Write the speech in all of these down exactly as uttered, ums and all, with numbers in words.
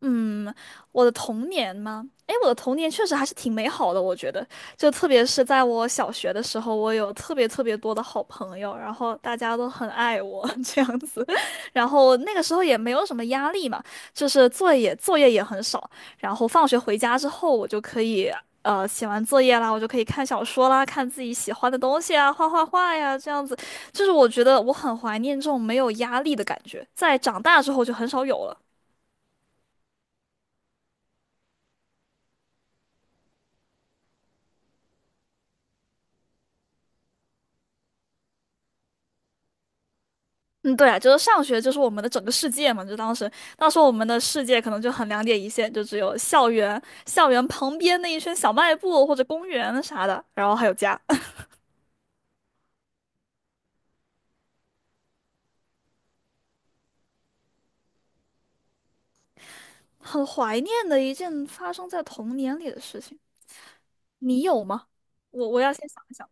嗯，我的童年吗？诶，我的童年确实还是挺美好的，我觉得，就特别是在我小学的时候，我有特别特别多的好朋友，然后大家都很爱我 这样子，然后那个时候也没有什么压力嘛，就是作业作业也很少，然后放学回家之后，我就可以呃写完作业啦，我就可以看小说啦，看自己喜欢的东西啊，画画画呀，这样子，就是我觉得我很怀念这种没有压力的感觉，在长大之后就很少有了。嗯，对啊，就是上学就是我们的整个世界嘛，就当时当时我们的世界可能就很两点一线，就只有校园，校园旁边那一圈小卖部或者公园啥的，然后还有家，很怀念的一件发生在童年里的事情，你有吗？我我要先想一想，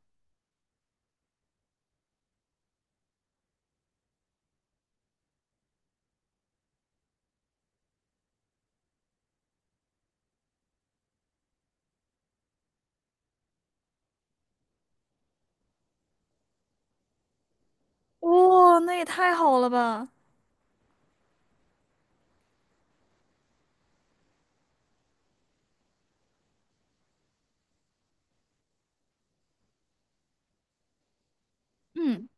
哇、那也太好了吧，嗯。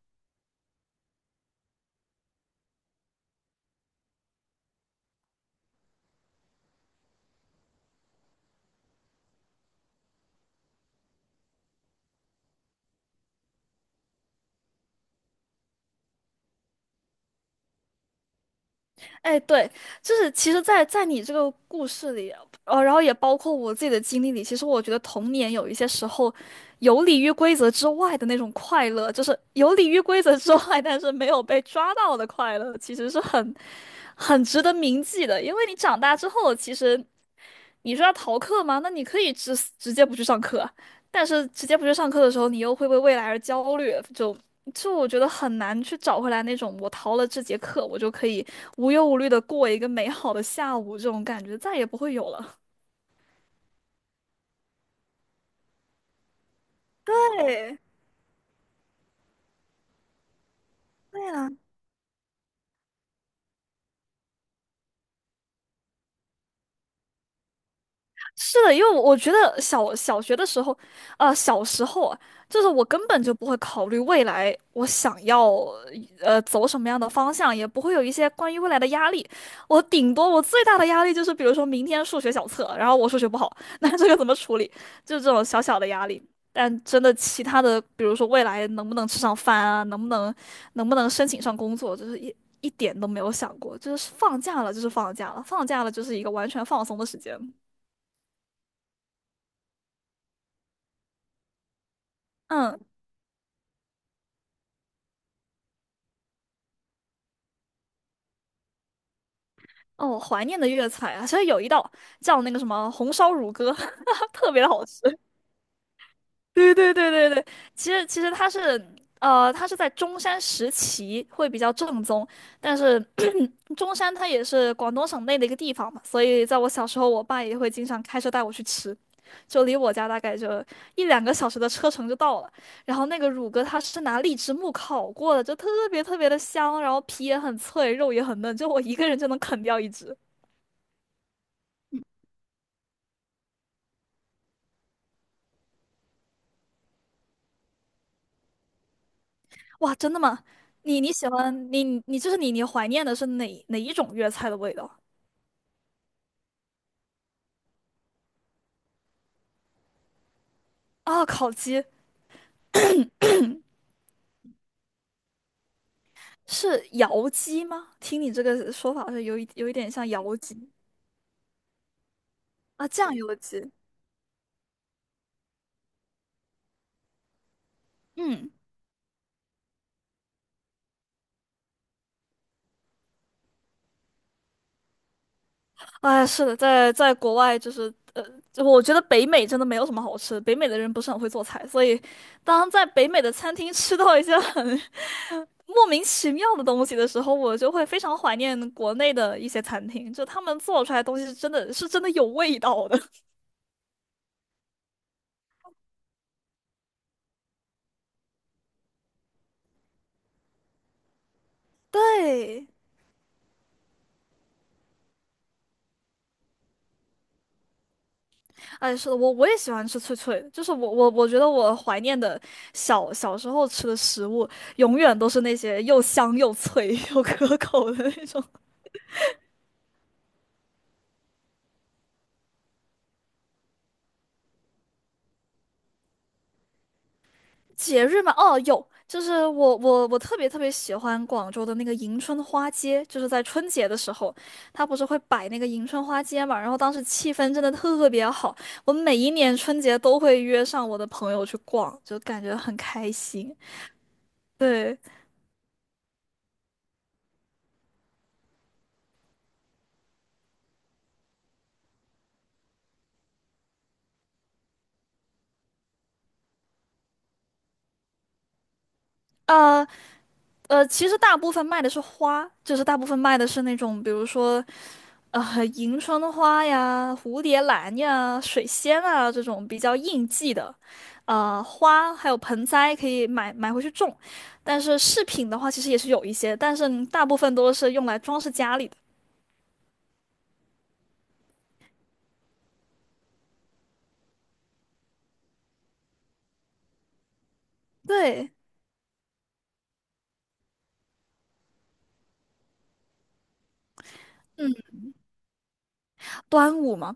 哎，对，就是其实在，在你这个故事里，呃，然后也包括我自己的经历里，其实我觉得童年有一些时候游离于规则之外的那种快乐，就是游离于规则之外，但是没有被抓到的快乐，其实是很很值得铭记的。因为你长大之后，其实你说要逃课吗？那你可以直直接不去上课，但是直接不去上课的时候，你又会为未来而焦虑，就就我觉得很难去找回来那种我逃了这节课，我就可以无忧无虑的过一个美好的下午这种感觉，再也不会有了。对，对是的，因为我觉得小小学的时候，呃，小时候啊，就是我根本就不会考虑未来我想要呃走什么样的方向，也不会有一些关于未来的压力。我顶多我最大的压力就是，比如说明天数学小测，然后我数学不好，那这个怎么处理？就这种小小的压力。但真的其他的，比如说未来能不能吃上饭啊，能不能能不能申请上工作，就是一一点都没有想过。就是放假了就是放假了，放假了就是一个完全放松的时间。嗯。哦，怀念的粤菜啊，其实有一道叫那个什么红烧乳鸽，特别的好吃。对对对对对，其实其实它是呃，它是在中山石岐会比较正宗，但是 中山它也是广东省内的一个地方嘛，所以在我小时候，我爸也会经常开车带我去吃，就离我家大概就一两个小时的车程就到了。然后那个乳鸽它是拿荔枝木烤过的，就特别特别的香，然后皮也很脆，肉也很嫩，就我一个人就能啃掉一只。哇，真的吗？你你喜欢你你就是你你怀念的是哪哪一种粤菜的味道啊？烤鸡是窑鸡吗？听你这个说法是有一有一点像窑鸡啊，酱油鸡。嗯，哎，是的，在在国外就是就我觉得北美真的没有什么好吃的，北美的人不是很会做菜，所以当在北美的餐厅吃到一些很 莫名其妙的东西的时候，我就会非常怀念国内的一些餐厅，就他们做出来的东西是真的是真的有味道的。对，哎，是的，我我也喜欢吃脆脆的，就是我我我觉得我怀念的小小时候吃的食物，永远都是那些又香又脆 又可口的那种。节日嘛，哦，有，就是我我我特别特别喜欢广州的那个迎春花街，就是在春节的时候，它不是会摆那个迎春花街嘛，然后当时气氛真的特别好，我每一年春节都会约上我的朋友去逛，就感觉很开心。对。呃。呃，其实大部分卖的是花，就是大部分卖的是那种，比如说，呃，迎春花呀、蝴蝶兰呀、水仙啊这种比较应季的，呃，花还有盆栽可以买买回去种。但是饰品的话，其实也是有一些，但是大部分都是用来装饰家里的。对，端午嘛。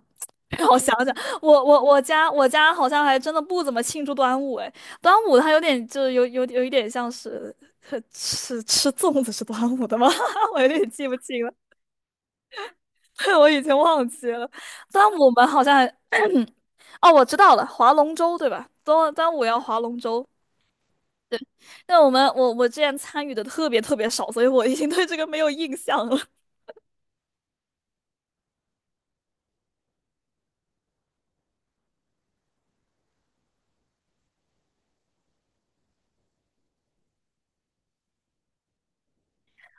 让我想想，我我我家我家好像还真的不怎么庆祝端午哎，端午它有点就有有有一点像是呵吃吃粽子是端午的吗？我有点记不清了，我已经忘记了。端午我们好像还哦，我知道了，划龙舟对吧？端端午要划龙舟，但我们我我之前参与的特别特别少，所以我已经对这个没有印象了。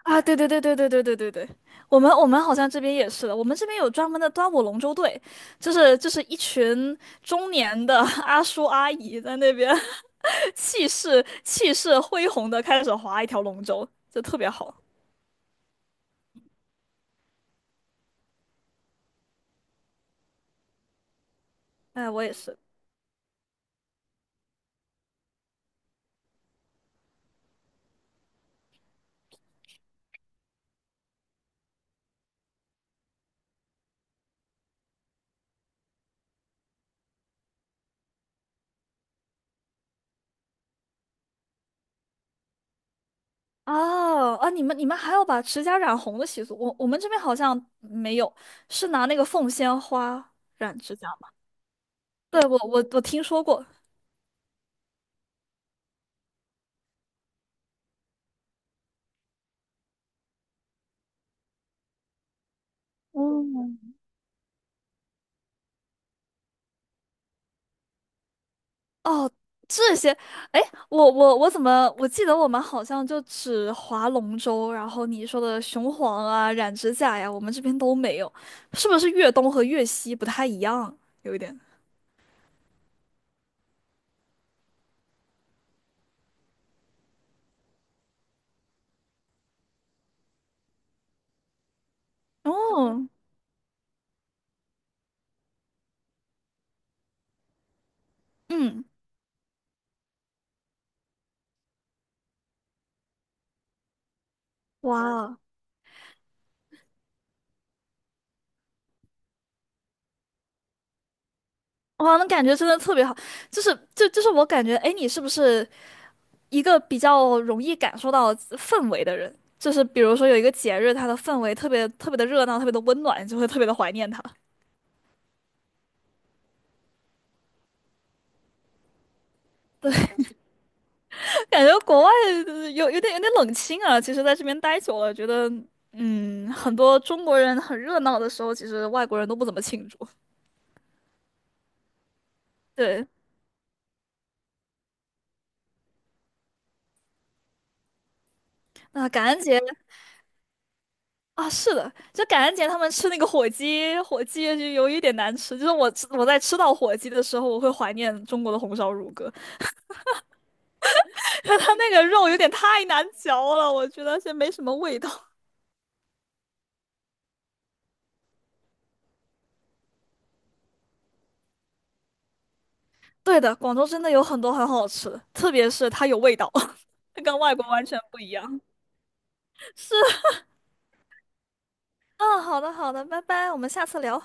啊，对对对对对对对对对，我们我们好像这边也是的，我们这边有专门的端午龙舟队，就是就是一群中年的 阿叔阿姨在那边 气势气势恢宏的开始划一条龙舟，就特别好。哎，我也是。哦啊，你们你们还有把指甲染红的习俗，我我们这边好像没有，是拿那个凤仙花染指甲吗？对，我我我听说过。嗯。哦，这些，哎，我我我怎么我记得我们好像就只划龙舟，然后你说的雄黄啊、染指甲呀，我们这边都没有，是不是粤东和粤西不太一样？有一点。哦，嗯，哇哇，那感觉真的特别好，就是就就是我感觉，哎，你是不是一个比较容易感受到氛围的人？就是比如说有一个节日，它的氛围特别特别的热闹，特别的温暖，你就会特别的怀念它。感觉国外呃有有点有点冷清啊。其实在这边待久了，觉得嗯，很多中国人很热闹的时候，其实外国人都不怎么庆祝。对，那感恩节啊，是的，就感恩节他们吃那个火鸡，火鸡就有一点难吃。就是我吃我在吃到火鸡的时候，我会怀念中国的红烧乳鸽，但它那个肉有点太难嚼了，我觉得是没什么味道。对的，广州真的有很多很好吃的，特别是它有味道，跟外国完全不一样。是嗯，好的好的，拜拜，我们下次聊。